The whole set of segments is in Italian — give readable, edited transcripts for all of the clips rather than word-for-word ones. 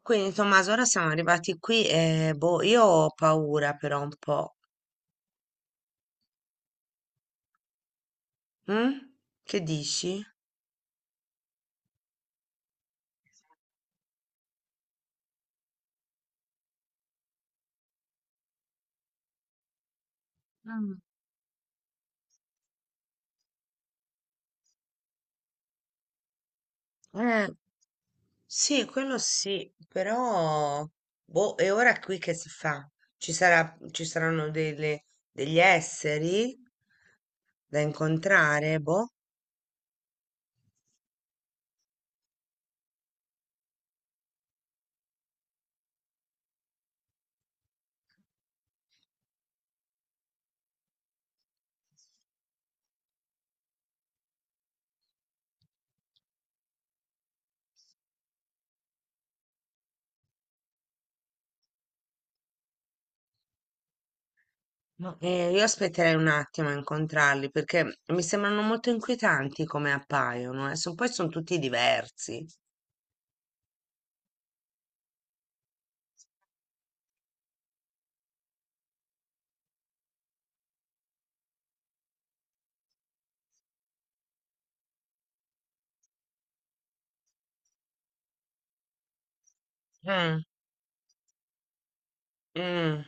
Quindi Tommaso, ora siamo arrivati qui e boh, io ho paura però un po'. Mm? Che dici? Mm. Eh, sì, quello sì, però boh, e ora qui che si fa? Ci saranno degli esseri da incontrare, boh? No. Io aspetterei un attimo a incontrarli perché mi sembrano molto inquietanti come appaiono, eh. Poi sono tutti diversi. Mm, mm,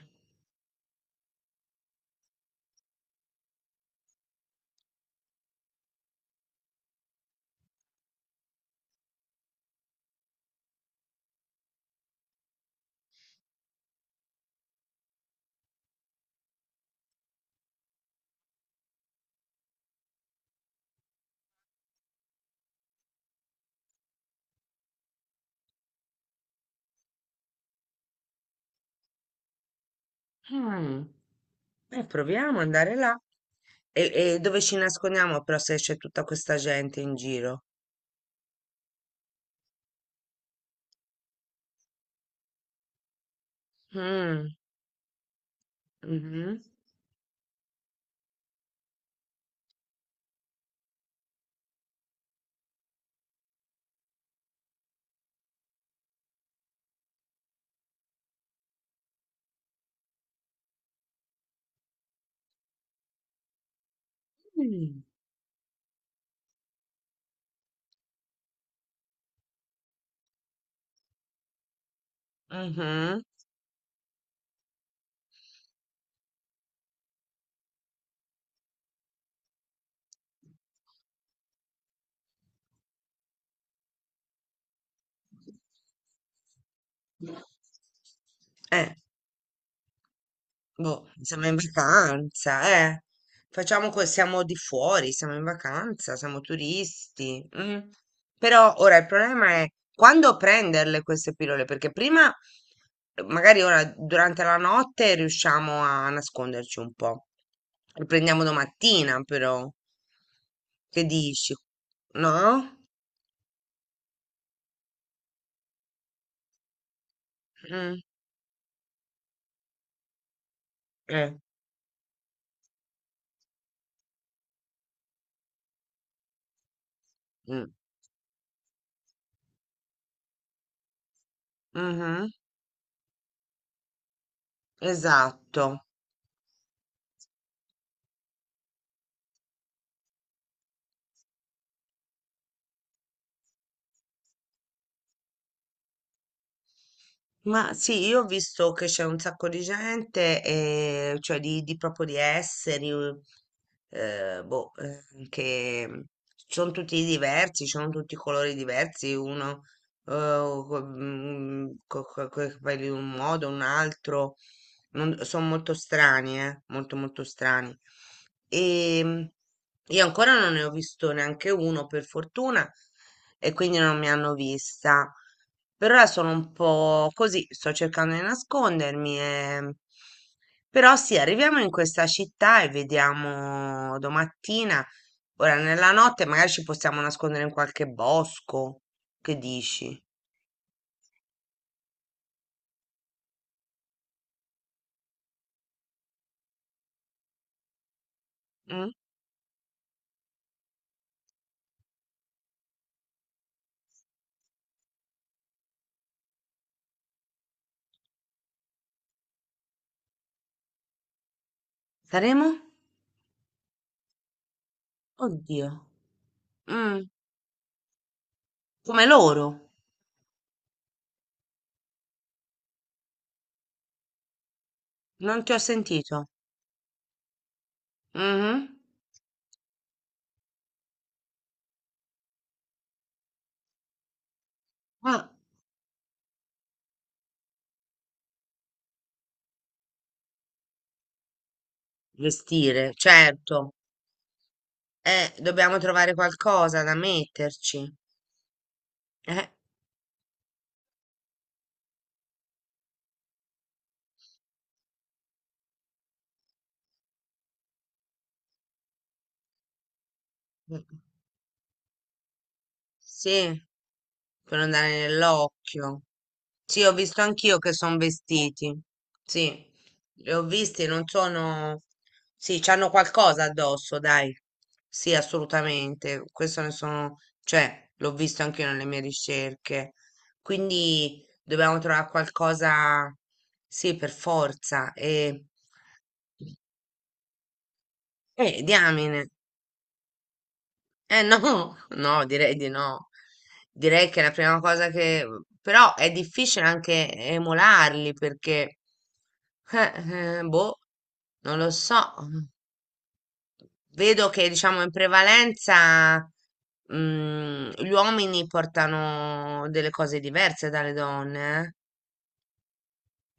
mm. Proviamo ad andare là. E dove ci nascondiamo però se c'è tutta questa gente in giro? Mm, mhm, mm, mhm. Eh. Boh, siamo in vacanza, eh. Siamo di fuori, siamo in vacanza, siamo turisti. Mm. Però ora il problema è quando prenderle queste pillole, perché prima, magari ora durante la notte riusciamo a nasconderci un po'. Le prendiamo domattina, però. Che dici? No? Mm, eh, mm, mhm, esatto. Ma sì, io ho visto che c'è un sacco di gente, cioè di proprio di esseri, boh, che sono tutti diversi, sono tutti colori diversi, uno con i capelli in un modo, un altro, sono molto strani, molto molto strani. E io ancora non ne ho visto neanche uno, per fortuna, e quindi non mi hanno vista. Per ora sono un po' così, sto cercando di nascondermi. Però sì, arriviamo in questa città e vediamo domattina. Ora, nella notte magari ci possiamo nascondere in qualche bosco. Che dici? Mm? Saremo? Oddio. Mm, come loro. Non ti ho sentito. Mhm. Ah. Vestire, certo. Dobbiamo trovare qualcosa da metterci. Eh, mm, sì, per non dare nell'occhio. Sì, ho visto anch'io che sono vestiti. Sì, li ho visti, non sono. Sì, c'hanno qualcosa addosso, dai. Sì, assolutamente. Questo ne sono. Cioè, l'ho visto anch'io nelle mie ricerche. Quindi dobbiamo trovare qualcosa. Sì, per forza. E. Diamine. Eh no, no, direi di no. Direi che la prima cosa che. Però è difficile anche emularli perché. Boh, non lo so. Vedo che, diciamo, in prevalenza, gli uomini portano delle cose diverse dalle donne, eh.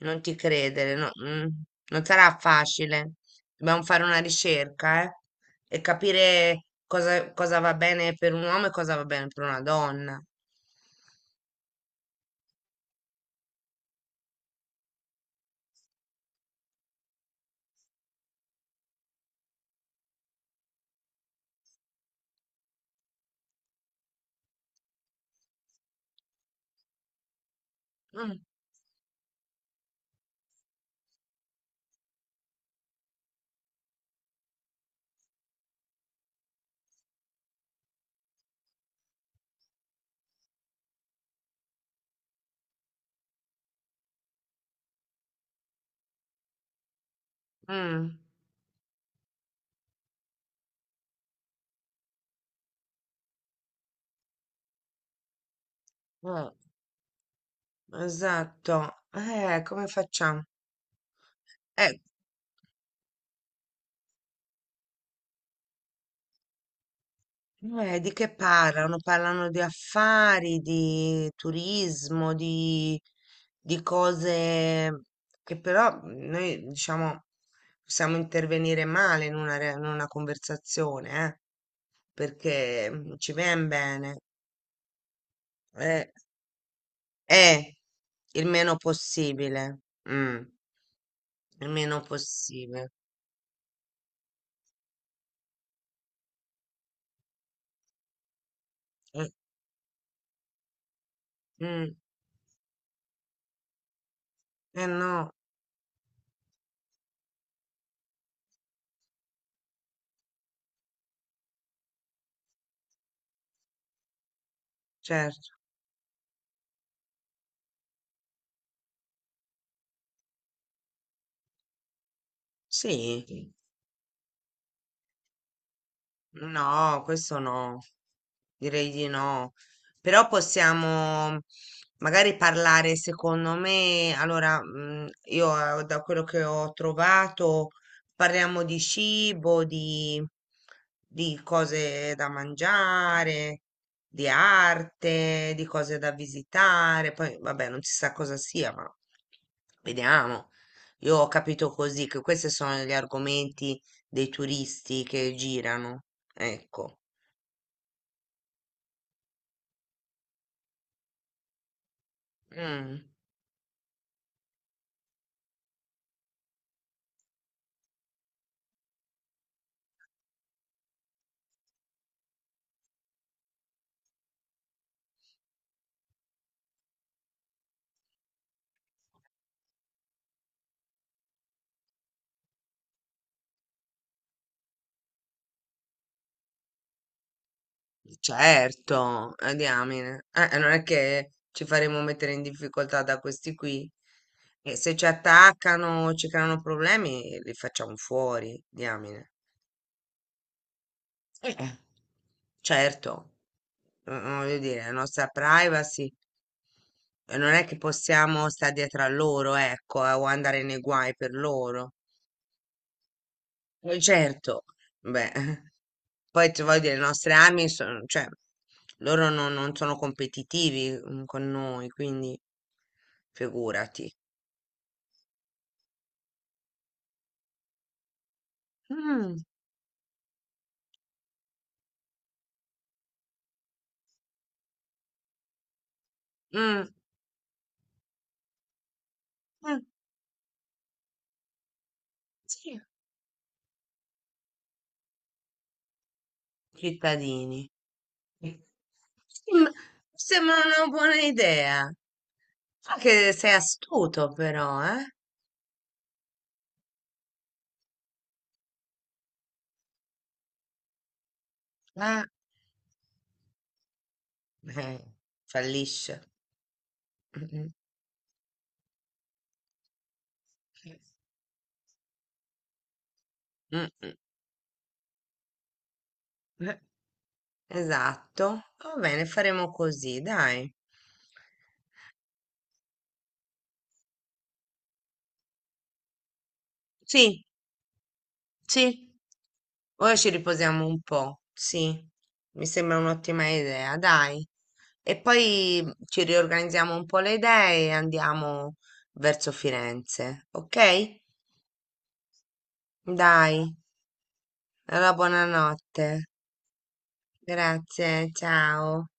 Non ti credere, non sarà facile. Dobbiamo fare una ricerca, e capire cosa, va bene per un uomo e cosa va bene per una donna. Mm, mm, eh, esatto. Come facciamo? Eh, Eh, di che parlano? Parlano di affari, di turismo, di cose che però noi, diciamo, possiamo intervenire male in una conversazione, perché non ci viene bene. Eh, eh, il meno possibile. Mm, il meno possibile. Eh, mm, eh no, certo. Sì. No, questo no, direi di no. Però possiamo magari parlare, secondo me, allora, io da quello che ho trovato, parliamo di cibo, di cose da mangiare, di arte, di cose da visitare. Poi, vabbè, non si sa cosa sia, ma vediamo. Io ho capito così che questi sono gli argomenti dei turisti che girano. Ecco, mm, certo, a diamine. Non è che ci faremo mettere in difficoltà da questi qui. E se ci attaccano, ci creano problemi, li facciamo fuori, diamine. Eh, Certo, voglio dire, la nostra privacy. Non è che possiamo stare dietro a loro, ecco, o andare nei guai per loro. Certo, beh, poi ti voglio dire, le nostre armi sono, cioè, loro non sono competitivi con noi, quindi figurati. Mm, mm, mm, sì. Cittadini. Sem- Sembra una buona idea. Fa che sei astuto però, eh? Ah, eh, fallisce. Mm, mm, mm, eh, esatto. Va bene, faremo così, dai. Sì, sì, ora ci riposiamo un po', sì, mi sembra un'ottima idea, dai. E poi ci riorganizziamo un po' le idee e andiamo verso Firenze, ok? Dai, allora buonanotte. Grazie, ciao.